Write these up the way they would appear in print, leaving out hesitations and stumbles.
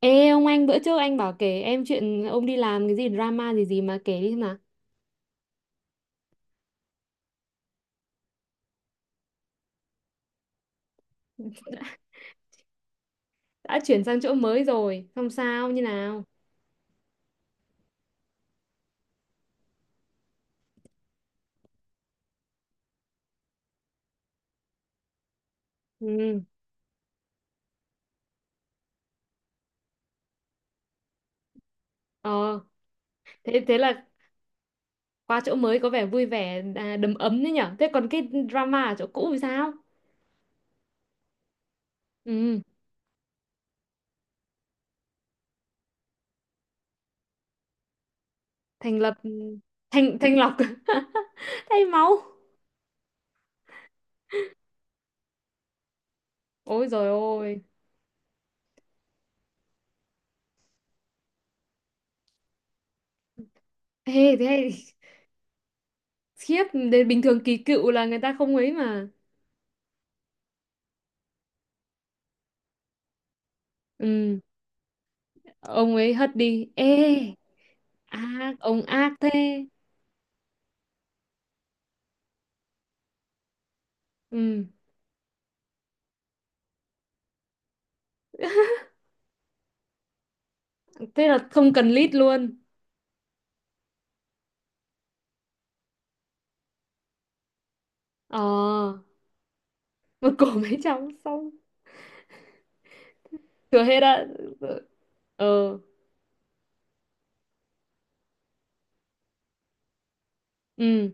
Ê ông anh, bữa trước anh bảo kể em chuyện ông đi làm cái gì drama gì gì mà, kể đi mà. Đã chuyển sang chỗ mới rồi không sao như nào? Ừ, ờ, thế thế là qua chỗ mới có vẻ vui vẻ, à, đầm ấm đấy nhở. Thế còn cái drama ở chỗ cũ thì sao? Ừ. Thành lập, thành thành lọc. Thay máu. Ôi rồi ôi. Ê thế hay. Khiếp. Đến bình thường kỳ cựu là người ta không ấy mà. Ừ. Ông ấy hất đi ê. Ác, ông ác thế. Ừ. Thế là không cần lít luôn. Ờ. Một cổ mấy trăm xong. Thừa hết á? Ờ. Ừ.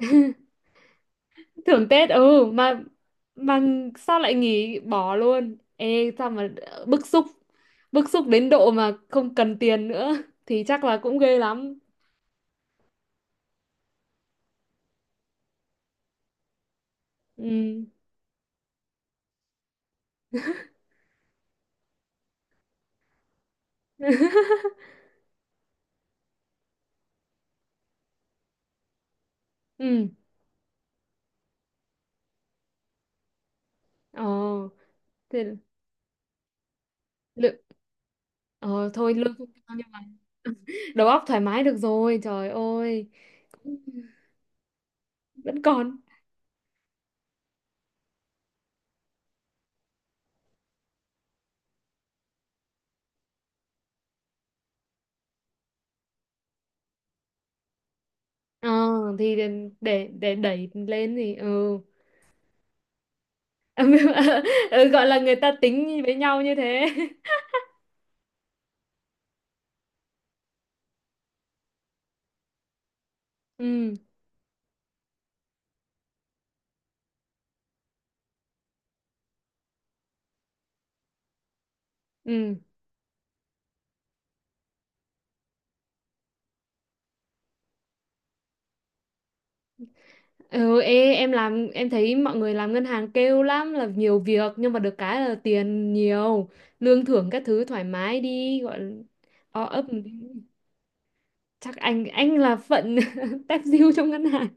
Thưởng Tết, ừ mà. Mà sao lại nghỉ bỏ luôn ê, sao mà? Bức xúc. Bức xúc đến độ mà không cần tiền nữa. Thì chắc là cũng ghê lắm. Ừ. Ừ. Ờ. Thế lượng, ờ thôi lương không cao nhưng mà đầu óc thoải mái được rồi, trời ơi. Cũng-. Vẫn còn. Ờ thì để để đẩy lên thì ừ. Ừ, gọi là người ta tính với nhau như thế. Ừ. Ừ. Ừ. Ê, em làm em thấy mọi người làm ngân hàng kêu lắm là nhiều việc nhưng mà được cái là tiền nhiều, lương thưởng các thứ thoải mái đi gọi là. O ấp một tí. Chắc anh là phận tép diêu trong ngân hàng.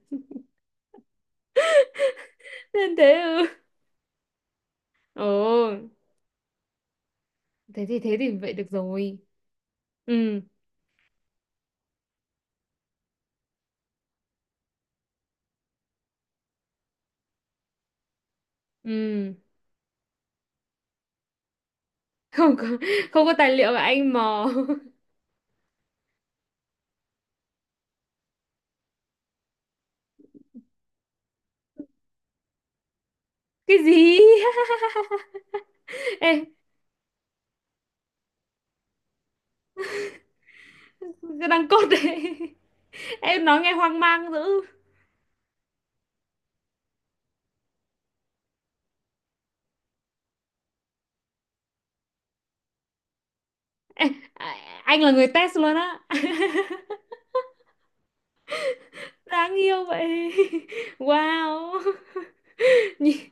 Nên thế, ừ. Ồ. Thế thì thế thì vậy được rồi. Ừ. Ừ. Không có. Không có tài liệu mà anh mò. Cái gì? Ê, cái đằng cốt đấy. Em nói nghe hoang mang dữ. Ê, à, anh là người test luôn á? Đáng yêu vậy. Wow. Nhìn-.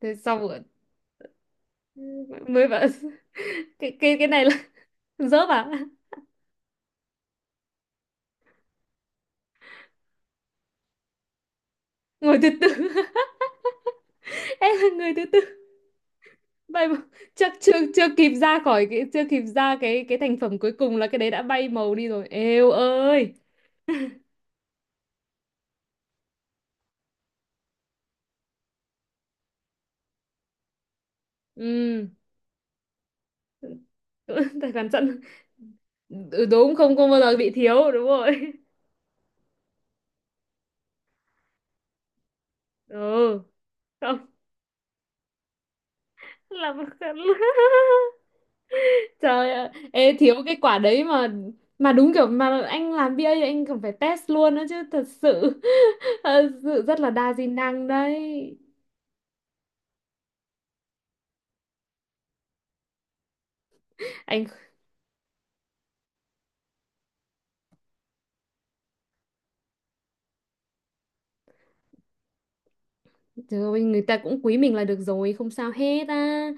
Thế xong rồi. Mới bảo cái này là, dớp à? Ngồi từ từ. Em là người thứ tư. Vậy mà. Chắc chưa chưa kịp ra khỏi cái, chưa kịp ra cái thành phẩm cuối cùng là cái đấy đã bay màu đi rồi, eo ơi. Ừ. Tài khoản sẵn. Ừ, đúng không, không bao giờ bị thiếu đúng rồi. Ừ. Không. Là trời ạ, ê thiếu cái quả đấy. Mà đúng kiểu mà anh làm BA thì anh còn phải test luôn đó chứ, thật sự. Thật sự rất là đa di năng đấy. Anh. Trời ơi, người ta cũng quý mình là được rồi, không sao hết á.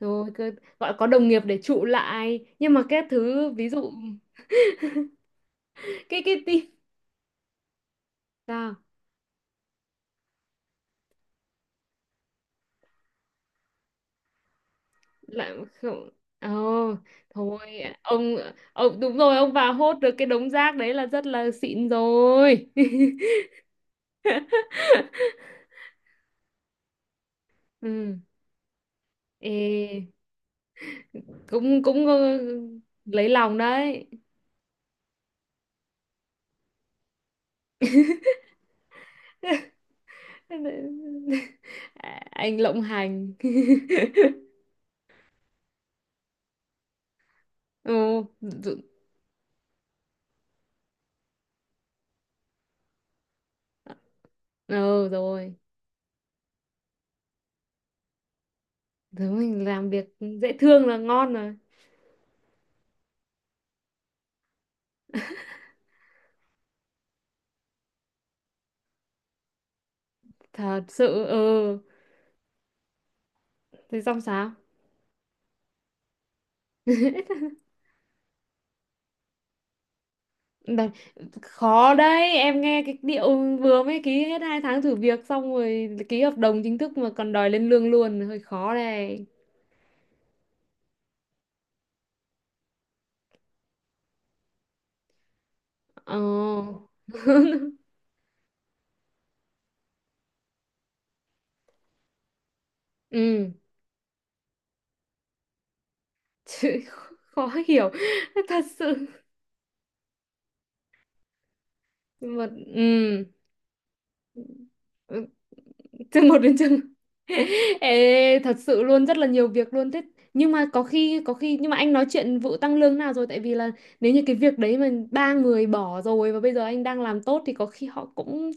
Rồi cơ-. Gọi có đồng nghiệp để trụ lại nhưng mà cái thứ ví dụ cái tí-. Sao? Làm không. Ồ. Thôi. Ông. Ông đúng rồi, ông vào hốt được cái đống rác đấy là rất là xịn rồi. Ừ. Ê, cũng cũng ờ, lấy lòng đấy. À, anh lộng hành. Ồ. Ừ. Ừ rồi. Thế mình làm việc. Dễ thương là ngon rồi. Thật sự, ừ. Thế xong sao? Đấy. Khó đấy, em nghe cái điệu vừa mới ký hết 2 tháng thử việc xong rồi ký hợp đồng chính thức mà còn đòi lên lương luôn hơi khó đây. Ờ. Ừ. Chứ. Khó hiểu. Thật sự. Mà. Ừ. Chương một đến chương. Ê, thật sự luôn rất là nhiều việc luôn thế. Nhưng mà có khi nhưng mà anh nói chuyện vụ tăng lương nào rồi, tại vì là nếu như cái việc đấy mà ba người bỏ rồi và bây giờ anh đang làm tốt thì có khi họ cũng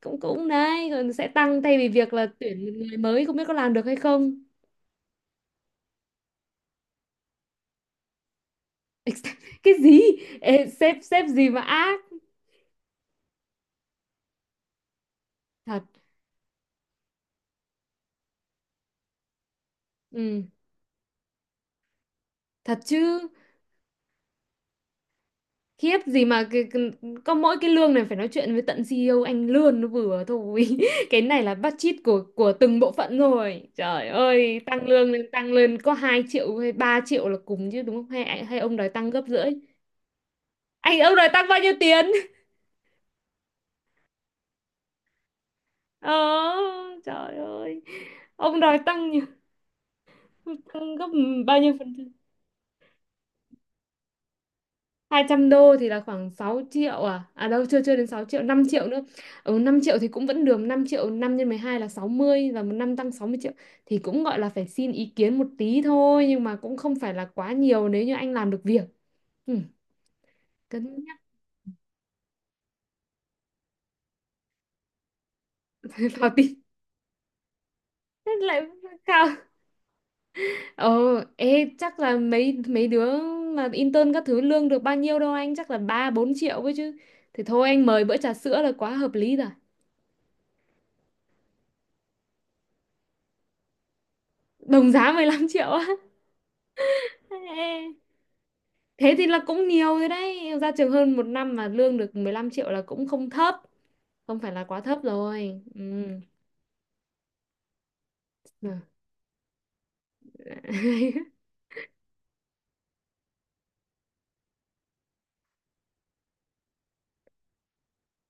cũng cũng đấy rồi sẽ tăng, thay vì việc là tuyển một người mới không biết có làm được hay không. Cái gì? Ê, sếp sếp gì mà ác. Thật. Ừ. Thật chứ. Khiếp gì mà cái, cái-. Có mỗi cái lương này phải nói chuyện với tận CEO, anh lương nó vừa thôi. Cái này là budget của từng bộ phận rồi, trời ơi, tăng lương lên tăng lên có 2 triệu hay 3 triệu là cùng chứ đúng không, hay hay ông đòi tăng gấp rưỡi? Anh, ông đòi tăng bao nhiêu tiền? Ờ. Trời ơi. Ông đòi tăng nhiều-. Tăng gấp bao nhiêu phần? 200 đô thì là khoảng 6 triệu, à à đâu, chưa chưa đến 6 triệu, 5 triệu nữa. Ừ, 5 triệu thì cũng vẫn được, 5 triệu 5 nhân 12 là 60, và một năm tăng 60 triệu thì cũng gọi là phải xin ý kiến một tí thôi nhưng mà cũng không phải là quá nhiều nếu như anh làm được việc. Ừ, cân nhắc. Vào tí. Thế lại cao. Ờ. Ê chắc là mấy mấy đứa mà intern các thứ lương được bao nhiêu đâu anh, chắc là 3 4 triệu ấy chứ, thì thôi anh mời bữa trà sữa là quá hợp lý rồi. Đồng giá 15 triệu á? Ê. Thế thì là cũng nhiều rồi đấy, ra trường hơn một năm mà lương được 15 triệu là cũng không thấp, không phải là quá thấp rồi, ừ. Được.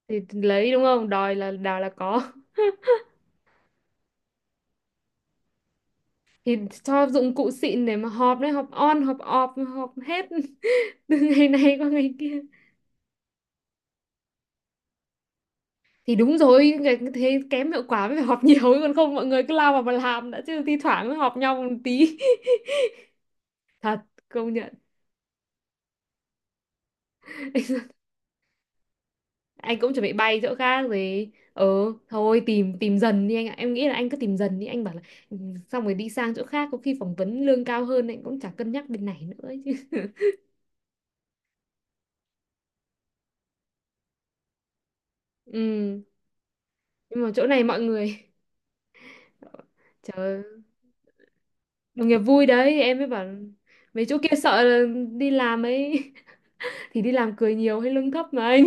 Thì lấy đúng không, đòi là đòi là có. Thì cho dụng cụ xịn để mà họp đấy, họp on họp off họp hết. Từ ngày này qua ngày kia. Thì đúng rồi, ngày-, thế kém hiệu quả mới phải họp nhiều còn không mọi người cứ lao vào mà làm đã chứ, thi thoảng mới họp nhau một tí. Thật. Công nhận. Anh cũng chuẩn bị bay chỗ khác rồi, ờ, thôi tìm tìm dần đi anh ạ, em nghĩ là anh cứ tìm dần đi anh bảo là "Ừ, xong rồi đi sang chỗ khác có khi phỏng vấn lương cao hơn anh cũng chả cân nhắc bên này nữa ấy chứ." Ừ. Nhưng mà chỗ này mọi người, trời ơi, đồng nghiệp vui đấy em mới bảo mấy chỗ kia sợ là đi làm ấy. Thì đi làm cười nhiều hay lương thấp mà anh.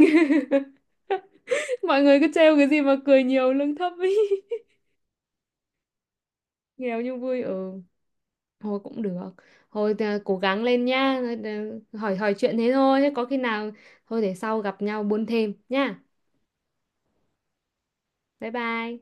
Mọi người cứ trêu cái gì mà cười nhiều lương thấp ấy. Nghèo nhưng vui, ừ. Thôi cũng được. Thôi à, cố gắng lên nhá. Hỏi hỏi chuyện thế thôi. Thế có khi nào thôi để sau gặp nhau buôn thêm nhá. Bye bye.